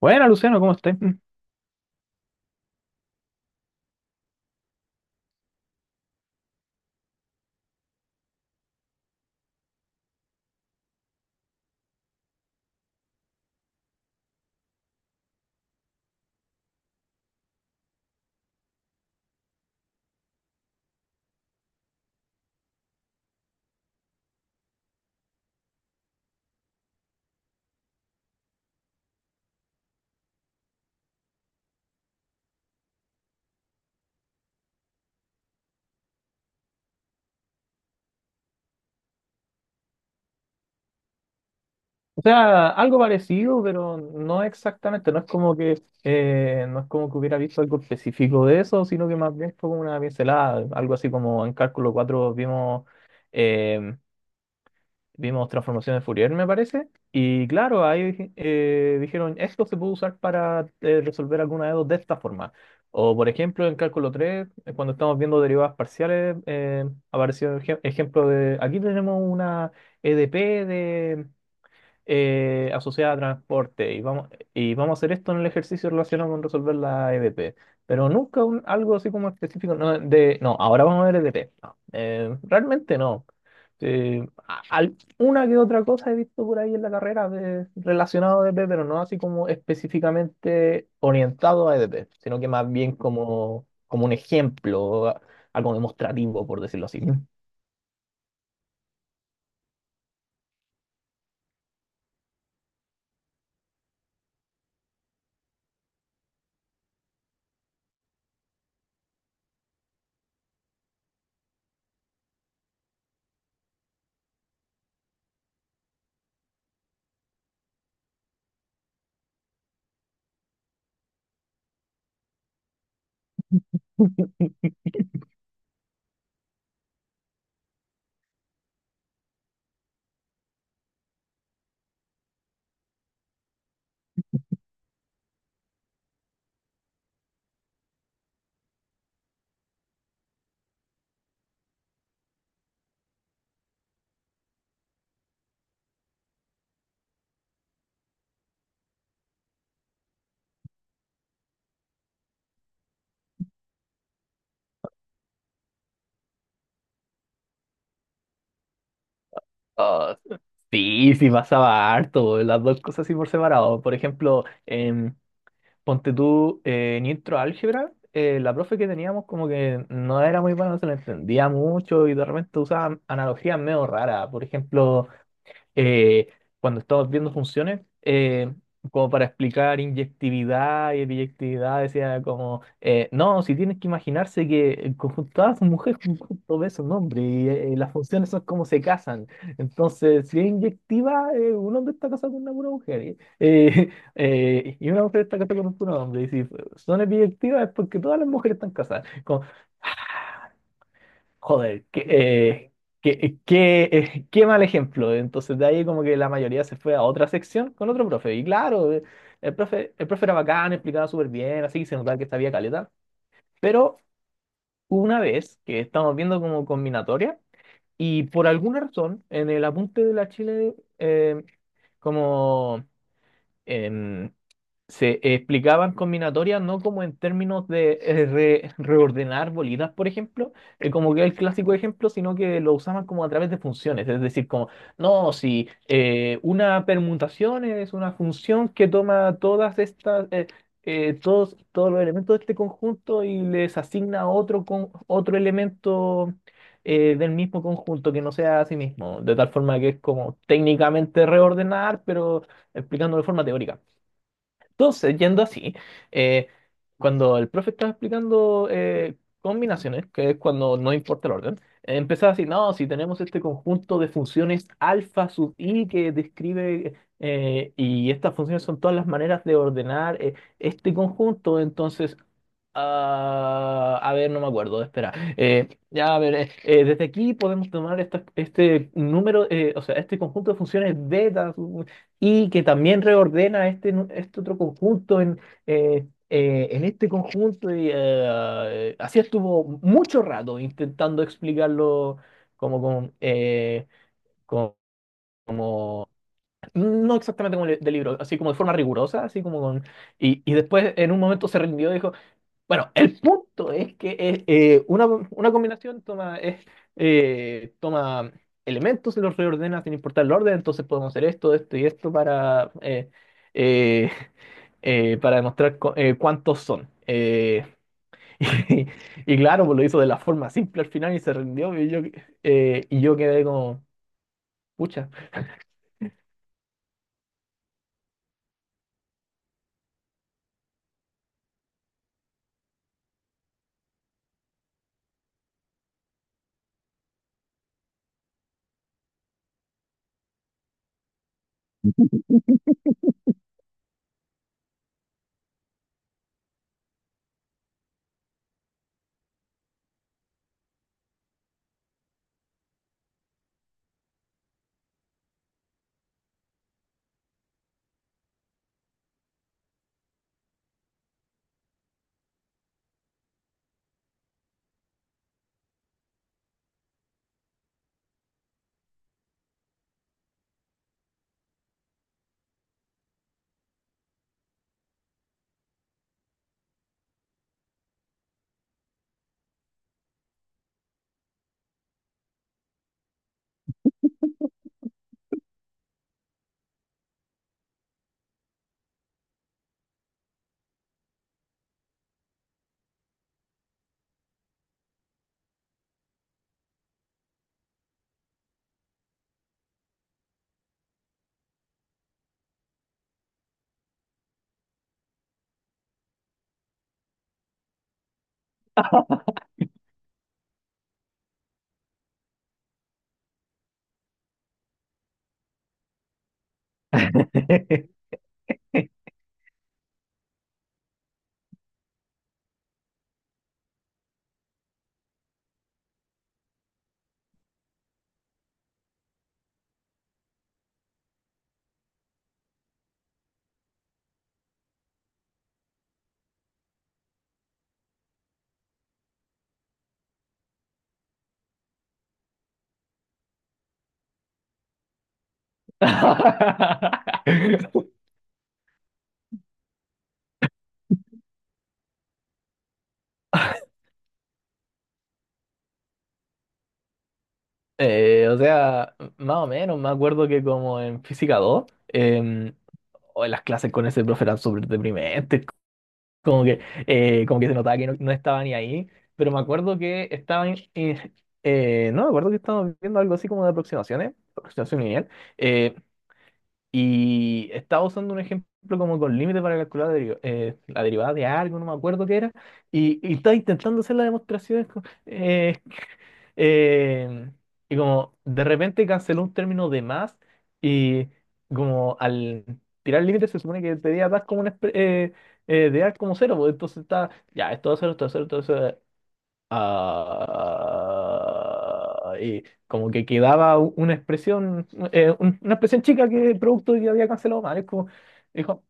Bueno, Luciano, ¿cómo estás? O sea, algo parecido, pero no exactamente. No es como que hubiera visto algo específico de eso, sino que más bien fue como una pincelada, algo así como en Cálculo 4 vimos eh, vimos transformaciones de Fourier, me parece. Y claro, ahí dijeron, esto se puede usar para resolver alguna de dos de esta forma. O por ejemplo, en Cálculo 3 cuando estamos viendo derivadas parciales, apareció el ejemplo de, aquí tenemos una EDP asociada a transporte y vamos a hacer esto en el ejercicio relacionado con resolver la EDP. Pero nunca algo así como específico, no, de, no, ahora vamos a ver EDP. No, realmente no. Una que otra cosa he visto por ahí en la carrera de, relacionado a EDP, pero no así como específicamente orientado a EDP, sino que más bien como, como un ejemplo, algo demostrativo, por decirlo así. Ah, sí, sí pasaba harto, las dos cosas así por separado. Por ejemplo, ponte tú en intro álgebra, la profe que teníamos como que no era muy buena, no se la entendía mucho y de repente usaba analogías medio raras. Por ejemplo, eh, cuando estamos viendo funciones, como para explicar inyectividad y biyectividad decía como, no, si tienes que imaginarse que el conjunto A es mujer, conjunto B es un hombre, y las funciones son como se casan. Entonces, si es inyectiva, un hombre está casado con una pura mujer, y y una mujer está casada con un puro hombre, y si son biyectivas es porque todas las mujeres están casadas. Joder, qué mal ejemplo. Entonces de ahí como que la mayoría se fue a otra sección con otro profe. Y claro, el profe era bacán, explicaba súper bien, así que se notaba que sabía caleta. Pero una vez que estamos viendo como combinatoria y por alguna razón en el apunte de la Chile como... em, se explicaban combinatorias no como en términos de reordenar bolitas, por ejemplo, que como que es el clásico ejemplo, sino que lo usaban como a través de funciones, es decir, como, no, si una permutación es una función que toma todas estas, todos los elementos de este conjunto y les asigna otro, con, otro elemento del mismo conjunto que no sea a sí mismo, de tal forma que es como técnicamente reordenar, pero explicándolo de forma teórica. Entonces, yendo así, eh, cuando el profe estaba explicando combinaciones, que es cuando no importa el orden, empezaba así, no, si tenemos este conjunto de funciones alfa sub i que describe, y estas funciones son todas las maneras de ordenar este conjunto. Ah, a ver, no me acuerdo, espera. Ya, a ver, desde aquí podemos tomar este número, o sea, este conjunto de funciones y que también reordena este, este otro conjunto en este conjunto. Así estuvo mucho rato intentando explicarlo como con, con- como, no exactamente como del libro, así como de forma rigurosa, así como con... Y después en un momento se rindió y dijo... Bueno, el punto es que una combinación toma, es, toma elementos y los reordena sin importar el orden, entonces podemos hacer esto, esto y esto para, eh, para demostrar cuántos son. Y, y claro, pues lo hizo de la forma simple al final y se rindió y yo quedé como, pucha. O sea, más o menos, me acuerdo que como en Física 2 o las clases con ese profe eran súper deprimentes, como que, como que se notaba que no, no estaba ni ahí, pero me acuerdo que estaban, no, me acuerdo que estábamos viendo algo así como de aproximaciones, aproximación lineal, eh, y estaba usando un ejemplo como con límite para calcular la derivada de algo, no me acuerdo qué era, y estaba intentando hacer las demostraciones eh, y como de repente canceló un término de más y como al tirar el límite se supone que debía dar como un de dar como cero, pues entonces está, ya, esto va a ser, esto va a ser, esto va a ser. Ah, y como que quedaba una expresión, una expresión chica que el producto que había cancelado mal. Es como, dijo,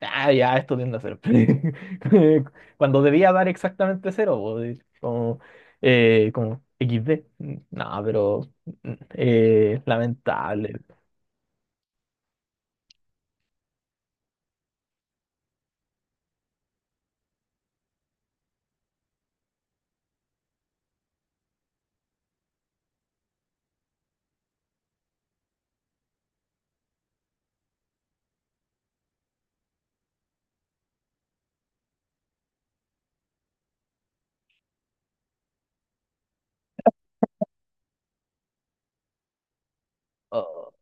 ah, ya, esto tiende a ser. Cuando debía dar exactamente cero, po, y como, como XD. No, pero lamentable. Oh.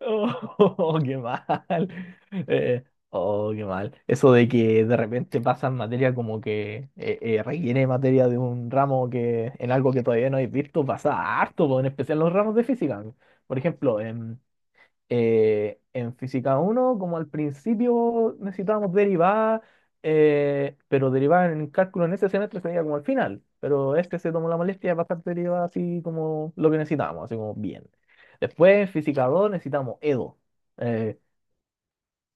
Oh, qué mal. Eh, oh, qué mal. Eso de que de repente pasan materia como que requiere materia de un ramo que en algo que todavía no habéis visto pasa harto, po, en especial los ramos de física. Por ejemplo, en física uno como al principio necesitábamos derivar, pero derivar en cálculo en ese semestre sería como al final, pero este se tomó la molestia de pasar derivar así como lo que necesitábamos, así como bien. Después en física 2 necesitamos E EDO,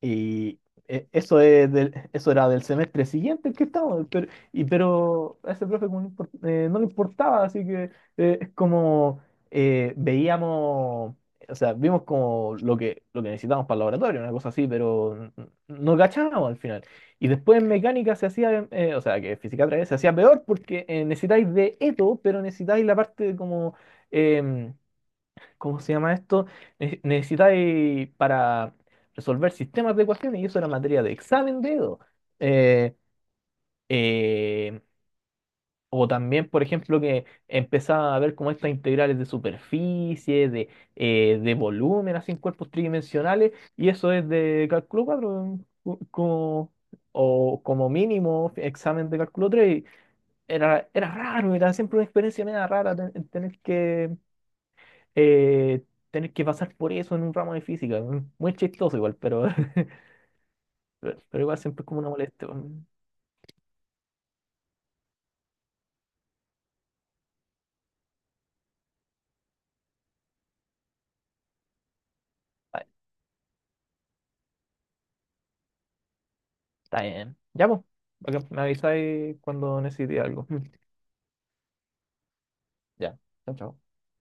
y eso, eso era del semestre siguiente el que estábamos, pero a ese profe como no, no le importaba, así que es como veíamos, o sea, vimos como lo que necesitábamos para el laboratorio, una cosa así, pero no cachábamos al final. Y después en mecánica se hacía, o sea, que física 3 se hacía peor porque necesitáis de eto, pero necesitáis la parte como... em, ¿cómo se llama esto? Necesitáis para resolver sistemas de ecuaciones, y eso era materia de examen de Edo. Eh, eh, o también, por ejemplo, que empezaba a ver como estas integrales de superficie, de volumen, así en cuerpos tridimensionales, y eso es de cálculo 4 como, o como mínimo examen de cálculo tres. Era raro, era siempre una experiencia media rara eh, tener que pasar por eso en un ramo de física. Weón. Muy chistoso igual, pero, pero igual siempre es como una molestia. Weón. Ah, está bien. Ya, pues. Me avisáis cuando necesite algo. Ya. Chao, chao.